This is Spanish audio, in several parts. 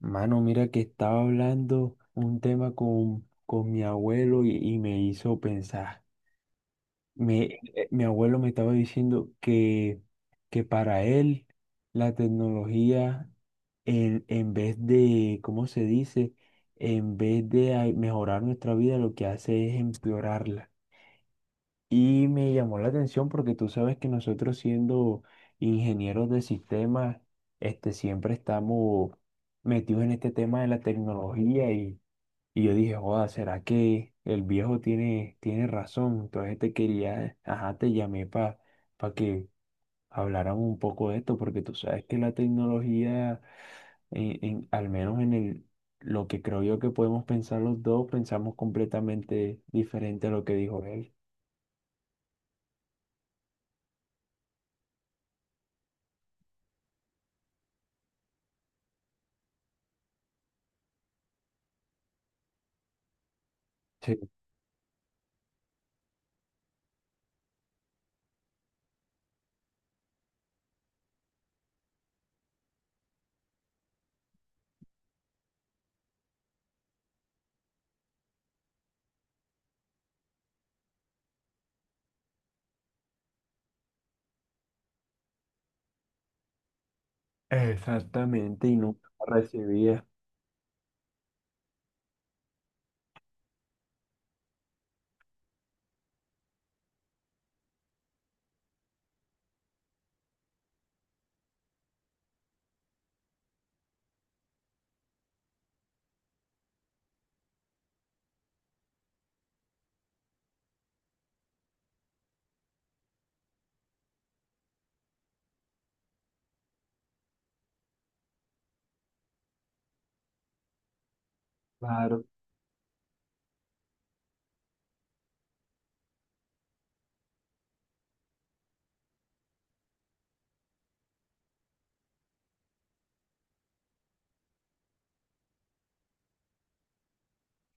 Mano, mira que estaba hablando un tema con mi abuelo y me hizo pensar. Mi abuelo me estaba diciendo que para él la tecnología, en vez de, ¿cómo se dice? En vez de mejorar nuestra vida, lo que hace es empeorarla. Y me llamó la atención porque tú sabes que nosotros siendo ingenieros de sistemas, este, siempre estamos metidos en este tema de la tecnología y yo dije, joda, ¿será que el viejo tiene razón? Entonces te quería, ajá, te llamé para que habláramos un poco de esto porque tú sabes que la tecnología, al menos en el, lo que creo yo que podemos pensar los dos, pensamos completamente diferente a lo que dijo él. Sí. Exactamente, y nunca la recibías, claro.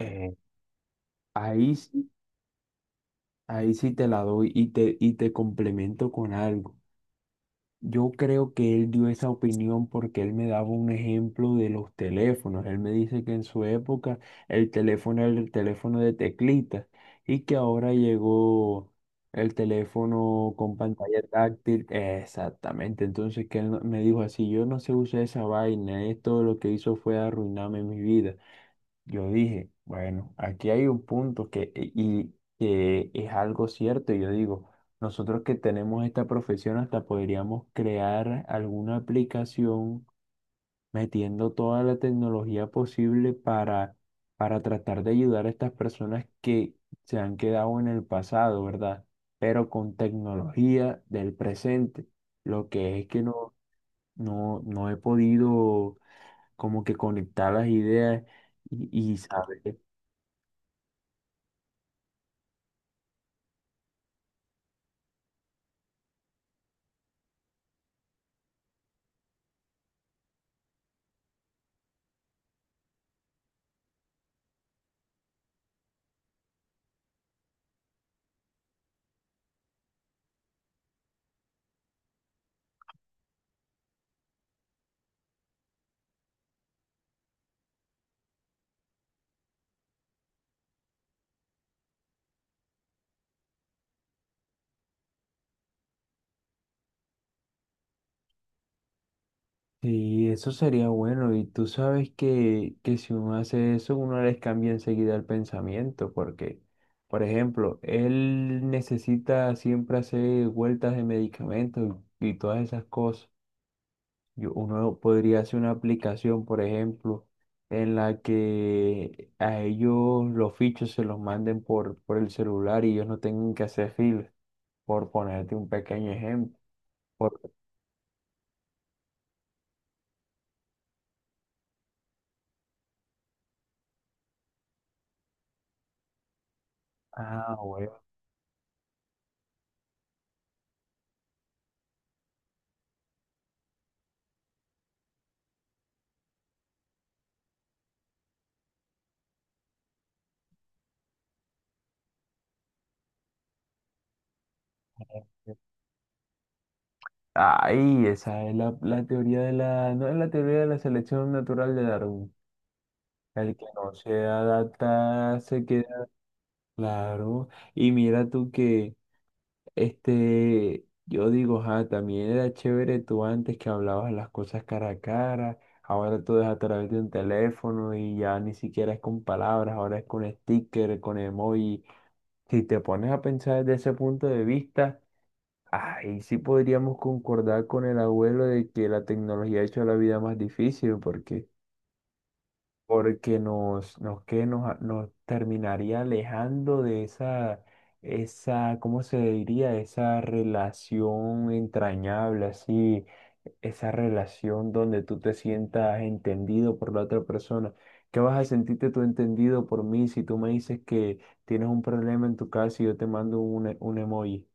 Eh, ahí sí, ahí sí te la doy y te complemento con algo. Yo creo que él dio esa opinión porque él me daba un ejemplo de los teléfonos. Él me dice que en su época el teléfono era el teléfono de teclitas y que ahora llegó el teléfono con pantalla táctil. Exactamente, entonces que él no- me dijo así, yo no sé usar esa vaina, esto lo que hizo fue arruinarme mi vida. Yo dije, bueno, aquí hay un punto que es algo cierto. Y Yo digo, nosotros que tenemos esta profesión hasta podríamos crear alguna aplicación metiendo toda la tecnología posible para tratar de ayudar a estas personas que se han quedado en el pasado, ¿verdad? Pero con tecnología del presente. Lo que es que no he podido como que conectar las ideas y saber. Sí, eso sería bueno. Y tú sabes que si uno hace eso, uno les cambia enseguida el pensamiento, porque, por ejemplo, él necesita siempre hacer vueltas de medicamentos y todas esas cosas. Uno podría hacer una aplicación, por ejemplo, en la que a ellos los fichos se los manden por el celular y ellos no tengan que hacer filas, por ponerte un pequeño ejemplo. Por, ah, bueno. Ay, esa es la, la teoría de la, no es la teoría de la selección natural de Darwin. El que no se adapta se queda, claro. Y mira tú que, este, yo digo, ah, también era chévere tú antes que hablabas las cosas cara a cara. Ahora todo es a través de un teléfono y ya ni siquiera es con palabras, ahora es con sticker, con emoji. Si te pones a pensar desde ese punto de vista. Ahí sí podríamos concordar con el abuelo de que la tecnología ha hecho la vida más difícil, porque, porque nos, nos, que nos, a- nos terminaría alejando de esa, ¿cómo se diría? Esa relación entrañable, así, esa relación donde tú te sientas entendido por la otra persona. ¿Qué vas a sentirte tú entendido por mí si tú me dices que tienes un problema en tu casa y yo te mando un emoji?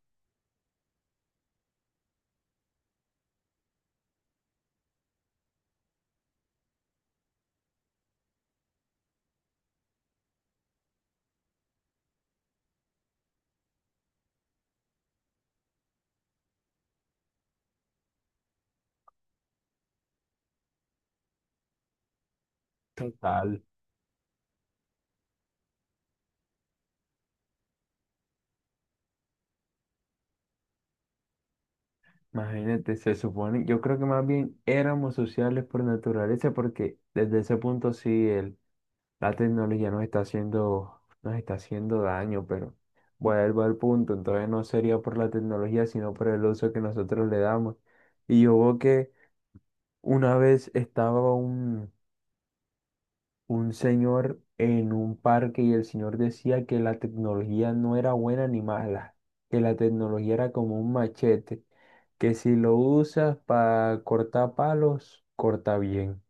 Total. Imagínate, se supone, yo creo que más bien éramos sociales por naturaleza, porque desde ese punto sí la tecnología nos está haciendo daño, pero vuelvo al punto, entonces no sería por la tecnología, sino por el uso que nosotros le damos. Y yo veo que una vez estaba un señor en un parque y el señor decía que la tecnología no era buena ni mala, que la tecnología era como un machete, que si lo usas para cortar palos, corta bien,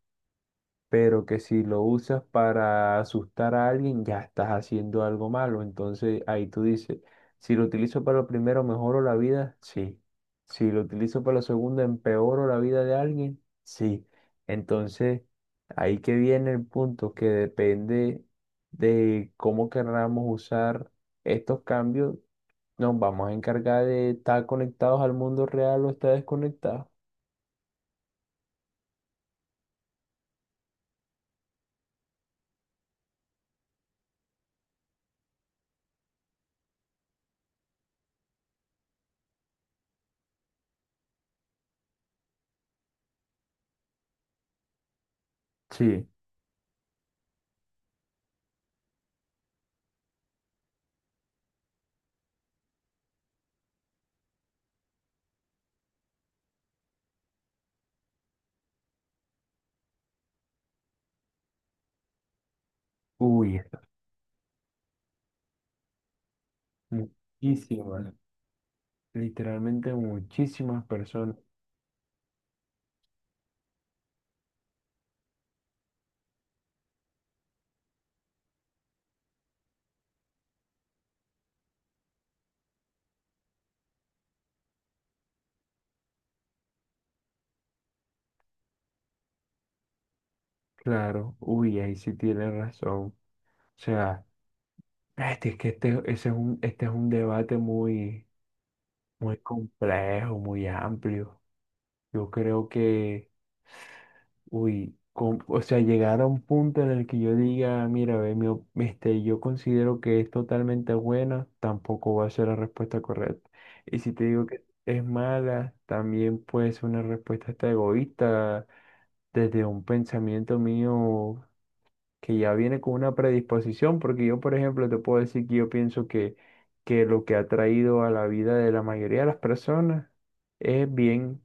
pero que si lo usas para asustar a alguien, ya estás haciendo algo malo. Entonces ahí tú dices, si lo utilizo para lo primero, mejoro la vida, sí. Si lo utilizo para lo segundo, empeoro la vida de alguien, sí. Entonces ahí que viene el punto que depende de cómo querramos usar estos cambios, nos vamos a encargar de estar conectados al mundo real o estar desconectados. Sí. Uy, está muchísimo. Literalmente muchísimas personas. Claro, uy, ahí sí tiene razón. O sea, ese es este es un debate muy, muy complejo, muy amplio. Yo creo que, uy, o sea, llegar a un punto en el que yo diga, mira, ve, yo considero que es totalmente buena, tampoco va a ser la respuesta correcta. Y si te digo que es mala, también puede ser una respuesta hasta egoísta desde un pensamiento mío que ya viene con una predisposición, porque yo, por ejemplo, te puedo decir que yo pienso que lo que ha traído a la vida de la mayoría de las personas es bien.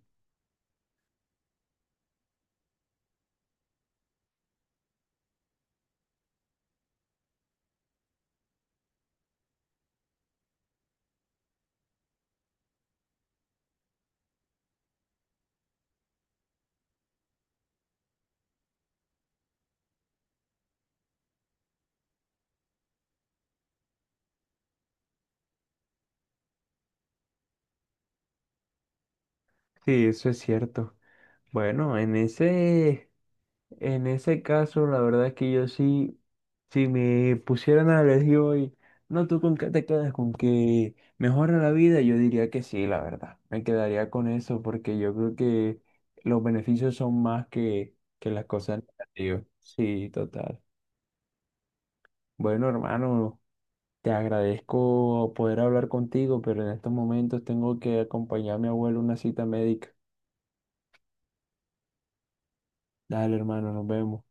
Sí, eso es cierto. Bueno, en ese caso, la verdad es que yo sí, si me pusieran a elegir hoy, no, tú con qué te quedas, con que mejora la vida, yo diría que sí, la verdad. Me quedaría con eso, porque yo creo que los beneficios son más que las cosas negativas. Sí, total. Bueno, hermano, te agradezco poder hablar contigo, pero en estos momentos tengo que acompañar a mi abuelo a una cita médica. Dale, hermano, nos vemos.